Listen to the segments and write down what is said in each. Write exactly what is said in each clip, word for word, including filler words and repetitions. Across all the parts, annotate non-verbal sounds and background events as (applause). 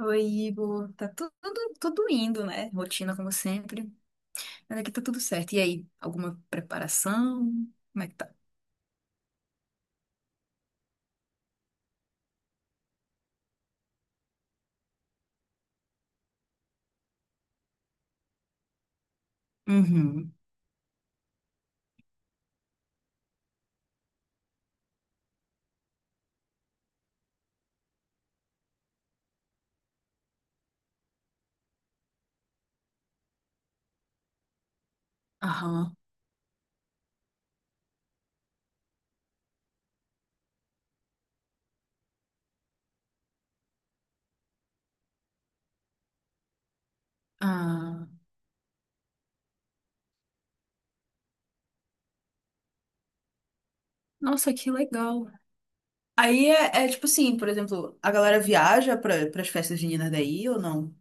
Oi, Igor. Tá tudo, tudo indo, né? Rotina como sempre. Mas aqui tá tudo certo. E aí, alguma preparação? Como é que tá? Uhum. Aham. Ah. Nossa, que legal. Aí é, é tipo assim, por exemplo, a galera viaja para as festas juninas daí ou não?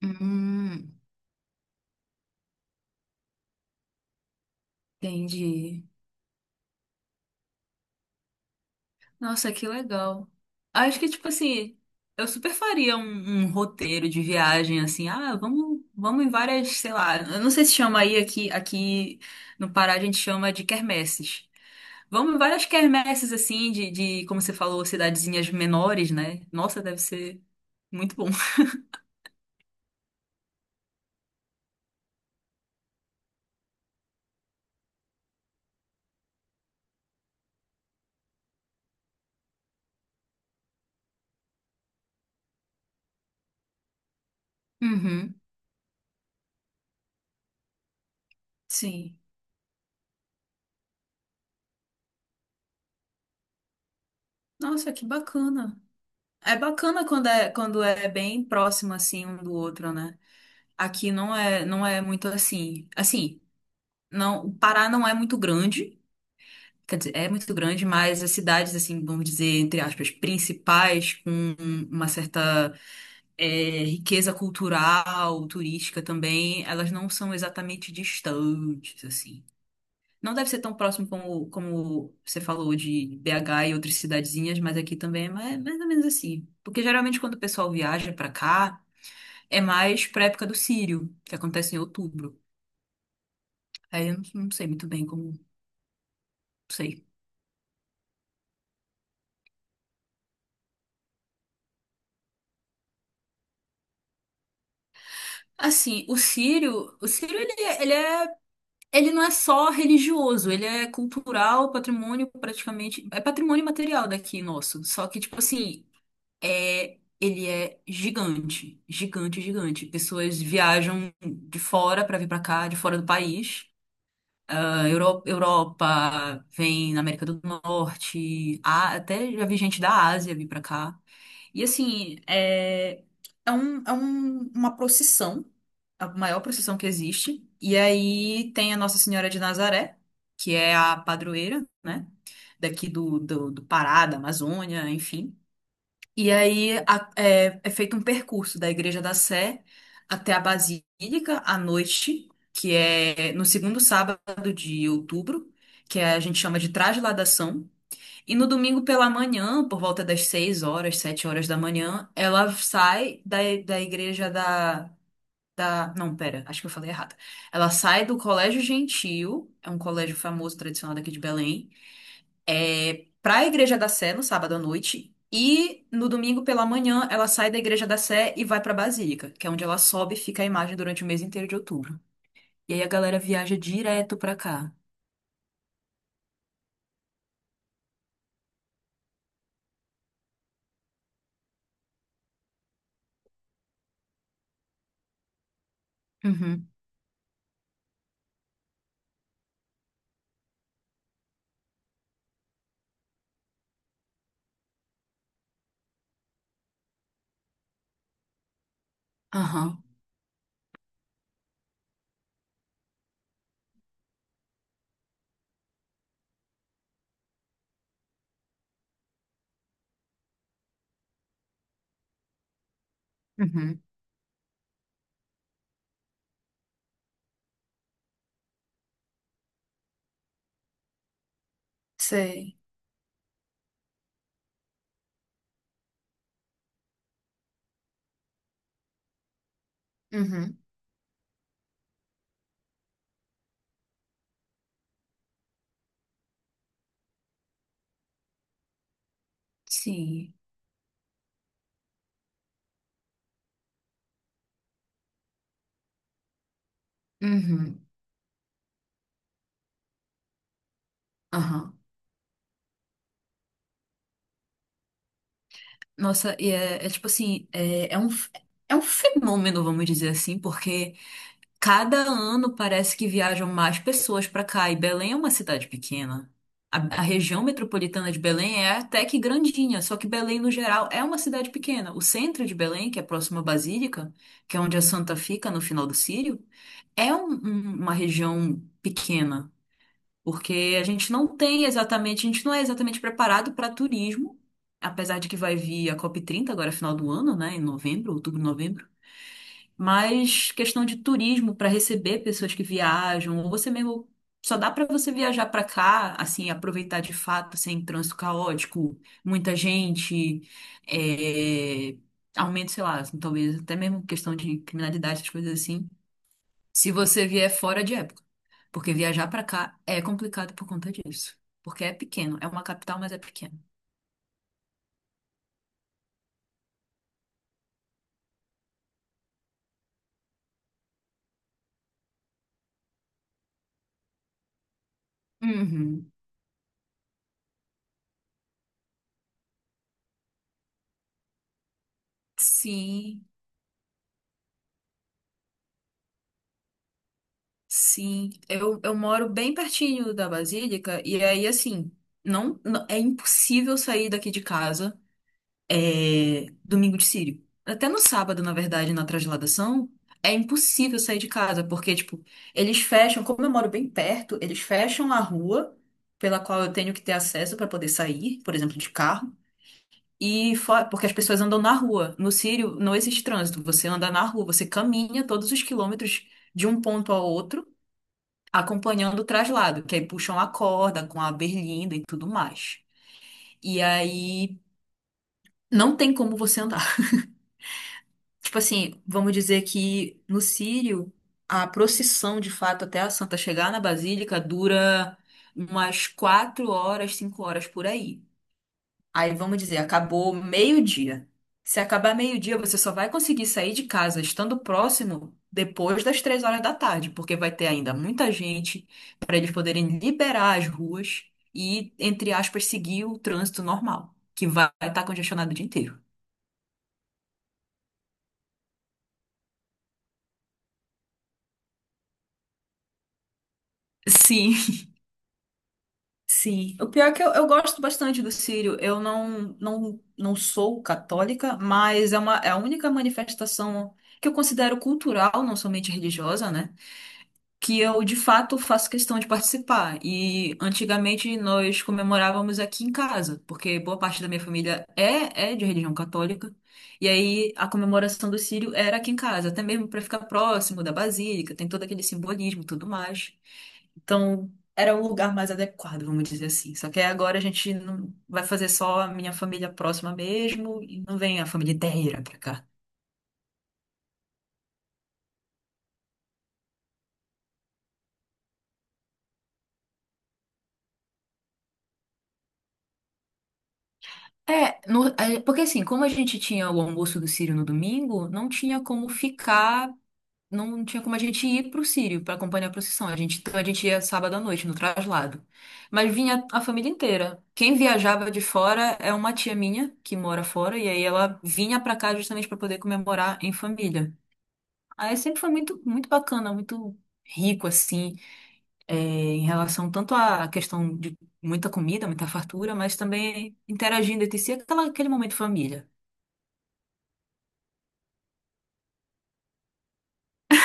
Hum, entendi. Nossa, que legal. Acho que, tipo assim, eu super faria um, um roteiro de viagem, assim, ah, vamos, vamos em várias, sei lá, eu não sei se chama aí aqui, aqui no Pará a gente chama de quermesses. Vamos em várias quermesses, assim, de, de, como você falou, cidadezinhas menores, né? Nossa, deve ser muito bom. (laughs) Uhum, sim. Nossa, que bacana. É bacana quando é, quando é bem próximo, assim, um do outro, né? Aqui não é, não é muito assim. Assim, Não, o Pará não é muito grande, quer dizer, é muito grande, mas as cidades, assim, vamos dizer, entre aspas, principais, com uma certa eh, riqueza cultural, turística também, elas não são exatamente distantes, assim. Não deve ser tão próximo como, como você falou de B H e outras cidadezinhas, mas aqui também é mais, mais ou menos assim. Porque geralmente quando o pessoal viaja pra cá, é mais pra época do Círio, que acontece em outubro. Aí eu não, não sei muito bem como, não sei. Assim, o Sírio, o Sírio ele, é- ele é, ele não é só religioso, ele é cultural, patrimônio praticamente, é patrimônio material daqui nosso. Só que tipo assim, é, ele é gigante, gigante, gigante. Pessoas viajam de fora para vir para cá, de fora do país. Ah, Euro- Europa, vem na América do Norte, a- até já vi gente da Ásia vir para cá. E assim, é, é, um, é um- uma procissão, a maior procissão que existe. E aí tem a Nossa Senhora de Nazaré, que é a padroeira, né? Daqui do, do, do Pará, da Amazônia, enfim. E aí a- é, é feito um percurso da Igreja da Sé até a Basílica à noite, que é no segundo sábado de outubro, que é, a gente chama de Trasladação. E no domingo pela manhã, por volta das seis horas, sete horas da manhã, ela sai da, da igreja da, da. Não, pera, acho que eu falei errado. Ela sai do Colégio Gentil, é um colégio famoso, tradicional daqui de Belém, é, para a Igreja da Sé no sábado à noite. E no domingo pela manhã, ela sai da Igreja da Sé e vai para a Basílica, que é onde ela sobe e fica a imagem durante o mês inteiro de outubro. E aí a galera viaja direto pra cá. Uhum. Aham. Uhum. Sei. Uhum. Sim. Uhum, aham. Nossa, e é, é tipo assim, é, é um, f- é um fenômeno, vamos dizer assim, porque cada ano parece que viajam mais pessoas pra cá, e Belém é uma cidade pequena. A, a região metropolitana de Belém é até que grandinha, só que Belém, no geral, é uma cidade pequena. O centro de Belém, que é próximo à Basílica, que é onde a Santa fica no final do Sírio, é um- um- uma região pequena. porque a gente não tem exatamente, a gente não é exatamente preparado para turismo, apesar de que vai vir a cop trinta agora, final do ano, né, em novembro, outubro, novembro. Mas questão de turismo para receber pessoas que viajam, ou você mesmo só dá para você viajar para cá, assim, aproveitar de fato, sem trânsito caótico, muita gente, é, aumento, sei lá, talvez até mesmo questão de criminalidade, essas coisas assim. Se você vier fora de época. Porque viajar pra cá é complicado por conta disso. Porque é pequeno, é uma capital, mas é pequeno. Uhum. Sim, sim. Eu, eu moro bem pertinho da Basílica e aí, assim, não, não- é impossível sair daqui de casa é, domingo de Círio. Até no sábado, na verdade, na transladação, é impossível sair de casa, porque, tipo, eles fecham, como eu moro bem perto, eles fecham a rua pela qual eu tenho que ter acesso para poder sair, por exemplo, de carro. E fora, porque as pessoas andam na rua. No Círio não existe trânsito. Você anda na rua, você caminha todos os quilômetros de um ponto ao outro, acompanhando o traslado, que aí puxam a corda com a berlinda e tudo mais. E aí não tem como você andar. (laughs) Tipo assim, vamos dizer que no Círio a procissão de fato até a Santa chegar na Basílica dura umas quatro horas, cinco horas por aí. Aí vamos dizer, acabou meio-dia. Se acabar meio-dia, você só vai conseguir sair de casa estando próximo depois das três horas da tarde, porque vai ter ainda muita gente para eles poderem liberar as ruas e, entre aspas, seguir o trânsito normal, que vai estar congestionado o dia inteiro. Sim, sim. O pior é que eu, eu gosto bastante do Círio. Eu não, não, não sou católica, mas é uma, é a única manifestação que eu considero cultural, não somente religiosa, né? que eu de fato faço questão de participar. E antigamente nós comemorávamos aqui em casa, porque boa parte da minha família é, é de religião católica. E aí a comemoração do Círio era aqui em casa, até mesmo para ficar próximo da basílica, tem todo aquele simbolismo e tudo mais. Então, era o lugar mais adequado, vamos dizer assim. Só que aí agora a gente não vai fazer só a minha família próxima mesmo, e não vem a família inteira pra cá. É, no- é, porque assim, como a gente tinha o almoço do Círio no domingo, não tinha como ficar, não tinha como a gente ir pro Círio para acompanhar a procissão. A gente, então a gente ia sábado à noite no traslado. Mas vinha a família inteira. Quem viajava de fora é uma tia minha que mora fora, e aí ela vinha pra cá justamente para poder comemorar em família. Aí sempre foi muito, muito bacana, muito rico assim é, em relação tanto à questão de muita comida, muita fartura, mas também interagindo entre si, aquela, aquele momento família.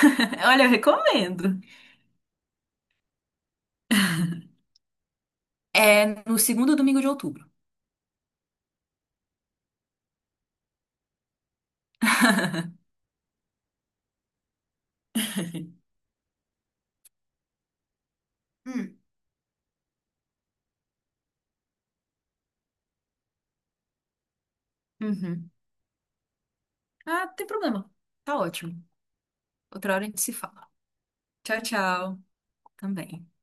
(laughs) Olha, eu recomendo. É no segundo domingo de outubro. Hum. Uhum. Ah, tem problema. Tá ótimo. Outra hora a gente se fala. Tchau, tchau. Também.